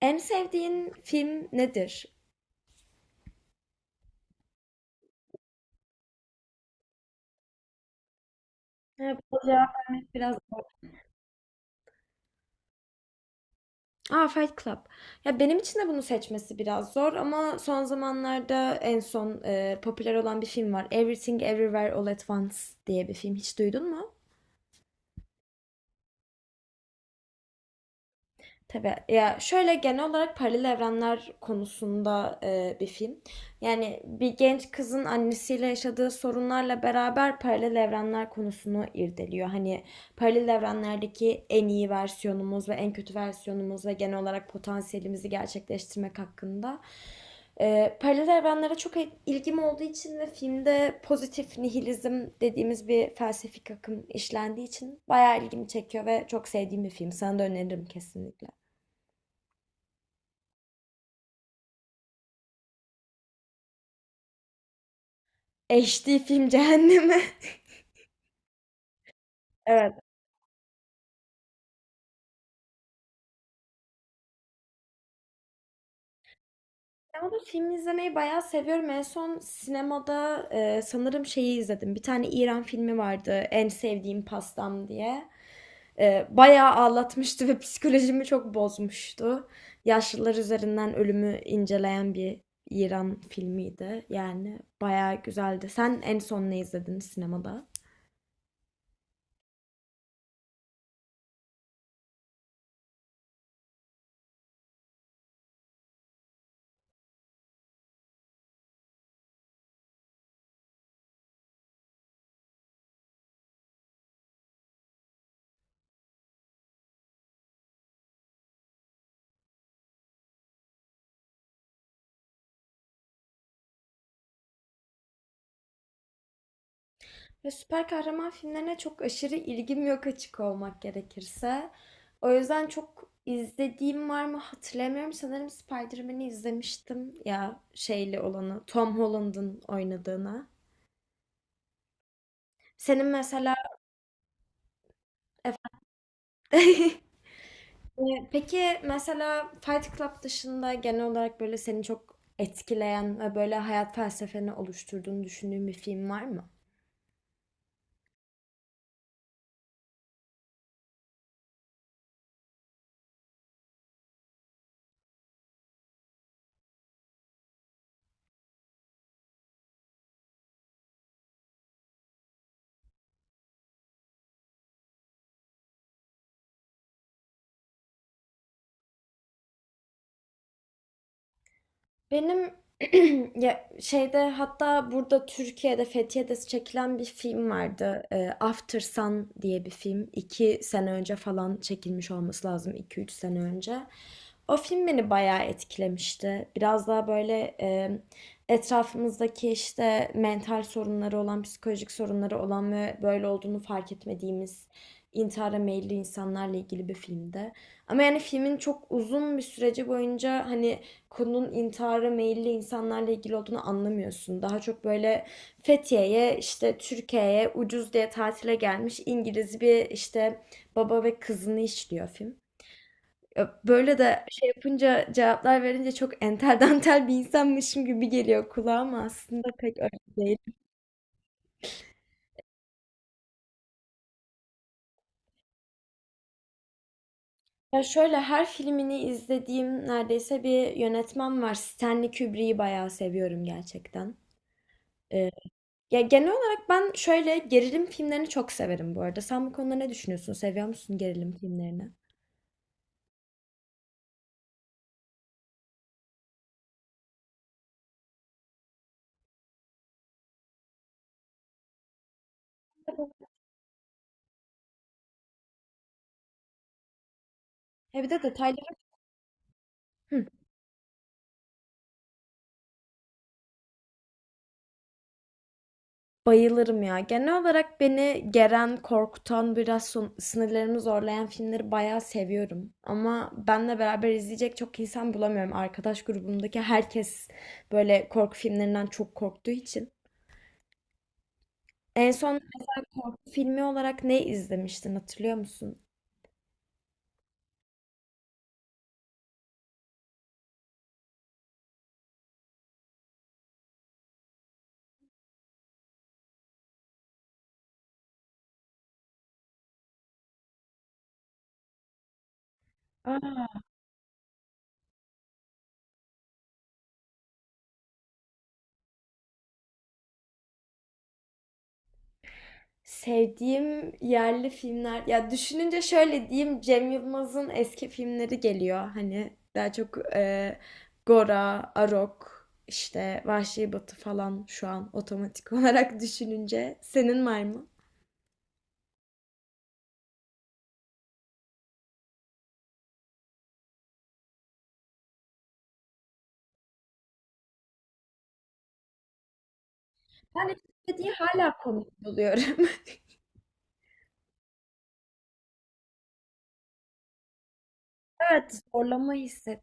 En sevdiğin film nedir? Evet, bu cevap vermek biraz zor. Aa, Fight Club. Ya benim için de bunu seçmesi biraz zor ama son zamanlarda en son popüler olan bir film var. Everything Everywhere All at Once diye bir film. Hiç duydun mu? Tabii. Ya şöyle genel olarak paralel evrenler konusunda bir film. Yani bir genç kızın annesiyle yaşadığı sorunlarla beraber paralel evrenler konusunu irdeliyor. Hani paralel evrenlerdeki en iyi versiyonumuz ve en kötü versiyonumuz ve genel olarak potansiyelimizi gerçekleştirmek hakkında. Paralel evrenlere çok ilgim olduğu için ve filmde pozitif nihilizm dediğimiz bir felsefik akım işlendiği için bayağı ilgimi çekiyor ve çok sevdiğim bir film. Sana da öneririm kesinlikle. HD film cehennemi. Evet. Sinemada film izlemeyi bayağı seviyorum. En son sinemada sanırım şeyi izledim. Bir tane İran filmi vardı. En sevdiğim pastam diye. Bayağı ağlatmıştı ve psikolojimi çok bozmuştu. Yaşlılar üzerinden ölümü inceleyen bir İran filmiydi. Yani bayağı güzeldi. Sen en son ne izledin sinemada? Ya süper kahraman filmlerine çok aşırı ilgim yok açık olmak gerekirse. O yüzden çok izlediğim var mı hatırlamıyorum. Sanırım Spider-Man'i izlemiştim ya şeyli olanı. Tom Holland'ın oynadığını. Senin mesela Peki mesela Fight Club dışında genel olarak böyle seni çok etkileyen ve böyle hayat felsefeni oluşturduğunu düşündüğün bir film var mı? Benim ya şeyde hatta burada Türkiye'de Fethiye'de çekilen bir film vardı. After Sun diye bir film. İki sene önce falan çekilmiş olması lazım. İki üç sene önce. O film beni bayağı etkilemişti. Biraz daha böyle etrafımızdaki işte mental sorunları olan, psikolojik sorunları olan ve böyle olduğunu fark etmediğimiz intihara meyilli insanlarla ilgili bir filmdi. Ama yani filmin çok uzun bir süreci boyunca hani konunun intihara meyilli insanlarla ilgili olduğunu anlamıyorsun. Daha çok böyle Fethiye'ye, işte Türkiye'ye ucuz diye tatile gelmiş İngiliz bir işte baba ve kızını işliyor film. Böyle de şey yapınca cevaplar verince çok entel dantel bir insanmışım gibi geliyor kulağıma aslında pek öyle değil. Ya şöyle her filmini izlediğim neredeyse bir yönetmen var. Stanley Kubrick'i bayağı seviyorum gerçekten. Ee, Ya, genel olarak ben şöyle, gerilim filmlerini çok severim bu arada. Sen bu konuda ne düşünüyorsun? Seviyor musun gerilim filmlerini? He, bir de detayları. Hı. Bayılırım ya. Genel olarak beni geren, korkutan, biraz sınırlarımı zorlayan filmleri bayağı seviyorum. Ama benle beraber izleyecek çok insan bulamıyorum. Arkadaş grubumdaki herkes böyle korku filmlerinden çok korktuğu için. En son korku filmi olarak ne izlemiştin hatırlıyor musun? Sevdiğim yerli filmler ya düşününce şöyle diyeyim, Cem Yılmaz'ın eski filmleri geliyor. Hani daha çok Gora, Arok, işte Vahşi Batı falan şu an otomatik olarak düşününce. Senin var mı? Ben Eşit'teki hala komik buluyorum. Evet, zorlama hisset.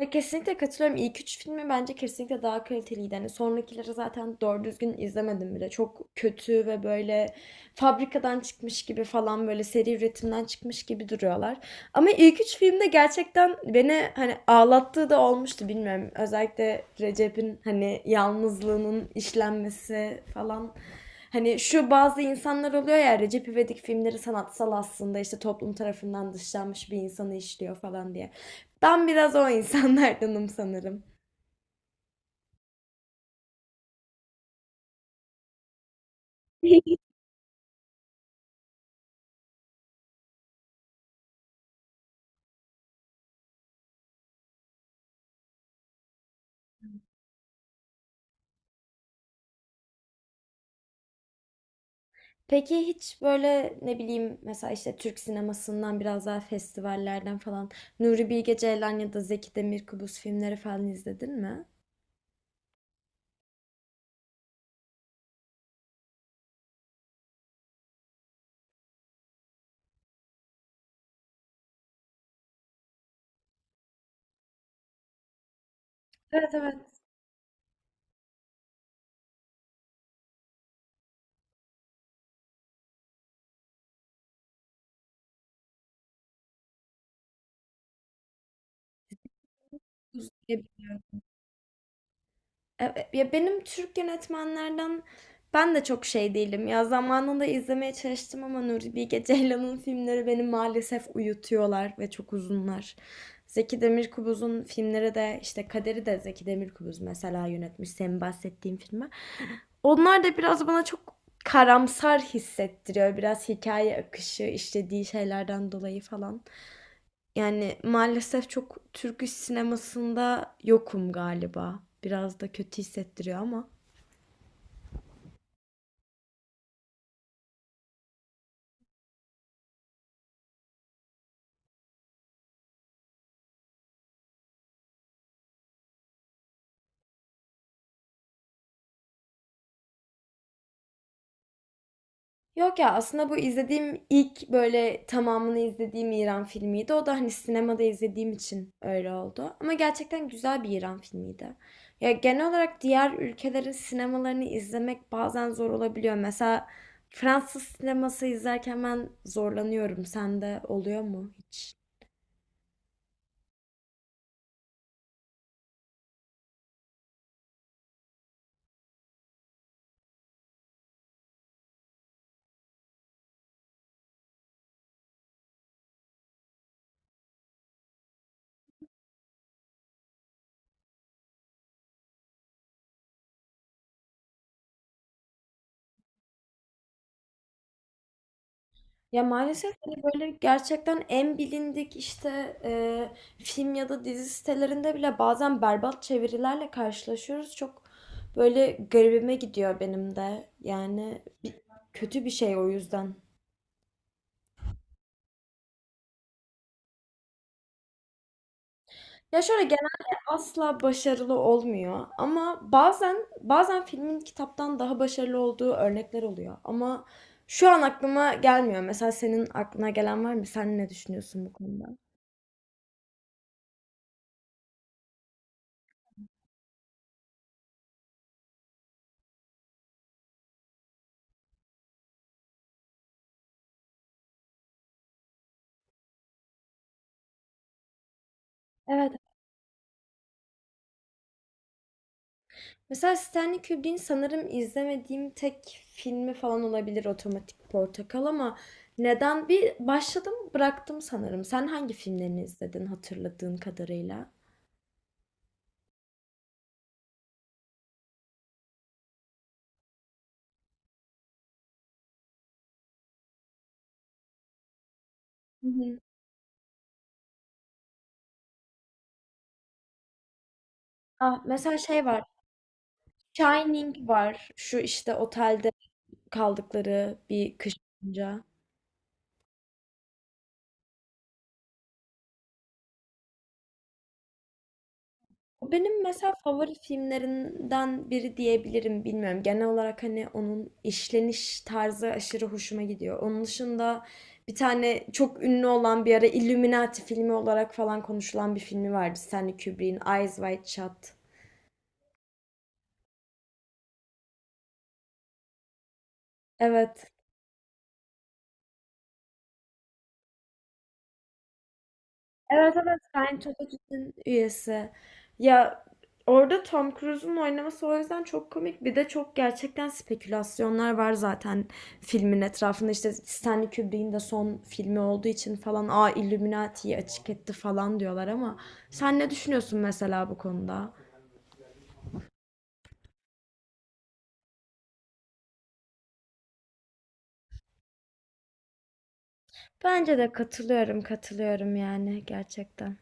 Ya kesinlikle katılıyorum. İlk üç filmi bence kesinlikle daha kaliteliydi. Hani sonrakileri zaten doğru düzgün izlemedim bile. Çok kötü ve böyle fabrikadan çıkmış gibi falan böyle seri üretimden çıkmış gibi duruyorlar. Ama ilk üç filmde gerçekten beni hani ağlattığı da olmuştu, bilmiyorum. Özellikle Recep'in hani yalnızlığının işlenmesi falan. Hani şu bazı insanlar oluyor ya Recep İvedik filmleri sanatsal aslında işte toplum tarafından dışlanmış bir insanı işliyor falan diye. Ben biraz o insanlardanım sanırım. Peki hiç böyle ne bileyim mesela işte Türk sinemasından biraz daha festivallerden falan Nuri Bilge Ceylan ya da Zeki Demirkubuz filmleri falan izledin mi? Evet evet. Evet, ya benim Türk yönetmenlerden ben de çok şey değilim. Ya zamanında izlemeye çalıştım ama Nuri Bilge Ceylan'ın filmleri beni maalesef uyutuyorlar ve çok uzunlar. Zeki Demirkubuz'un filmleri de işte Kader'i de Zeki Demirkubuz mesela yönetmiş senin bahsettiğin filmi. Onlar da biraz bana çok karamsar hissettiriyor. Biraz hikaye akışı, işlediği şeylerden dolayı falan. Yani maalesef çok Türk iş sinemasında yokum galiba. Biraz da kötü hissettiriyor ama. Yok ya aslında bu izlediğim ilk böyle tamamını izlediğim İran filmiydi. O da hani sinemada izlediğim için öyle oldu. Ama gerçekten güzel bir İran filmiydi. Ya genel olarak diğer ülkelerin sinemalarını izlemek bazen zor olabiliyor. Mesela Fransız sineması izlerken ben zorlanıyorum. Sende oluyor mu hiç? Ya maalesef hani böyle gerçekten en bilindik işte film ya da dizi sitelerinde bile bazen berbat çevirilerle karşılaşıyoruz. Çok böyle garibime gidiyor benim de. Yani kötü bir şey o yüzden. Ya şöyle genelde asla başarılı olmuyor ama bazen filmin kitaptan daha başarılı olduğu örnekler oluyor. Ama şu an aklıma gelmiyor. Mesela senin aklına gelen var mı? Sen ne düşünüyorsun bu konuda? Evet. Mesela Stanley Kubrick'in sanırım izlemediğim tek filmi falan olabilir Otomatik Portakal ama neden bir başladım bıraktım sanırım. Sen hangi filmlerini izledin hatırladığın kadarıyla? Hı hı. Ah, mesela şey var. Shining var. Şu işte otelde kaldıkları bir kış boyunca. O benim mesela favori filmlerinden biri diyebilirim, bilmiyorum. Genel olarak hani onun işleniş tarzı aşırı hoşuma gidiyor. Onun dışında bir tane çok ünlü olan bir ara Illuminati filmi olarak falan konuşulan bir filmi vardı. Stanley Kubrick'in Eyes Wide Shut. Evet. Evet evet ben Topik'in üyesi. Ya orada Tom Cruise'un oynaması o yüzden çok komik. Bir de çok gerçekten spekülasyonlar var zaten filmin etrafında. İşte Stanley Kubrick'in de son filmi olduğu için falan aa Illuminati'yi açık etti falan diyorlar ama sen ne düşünüyorsun mesela bu konuda? Bence de katılıyorum katılıyorum yani gerçekten.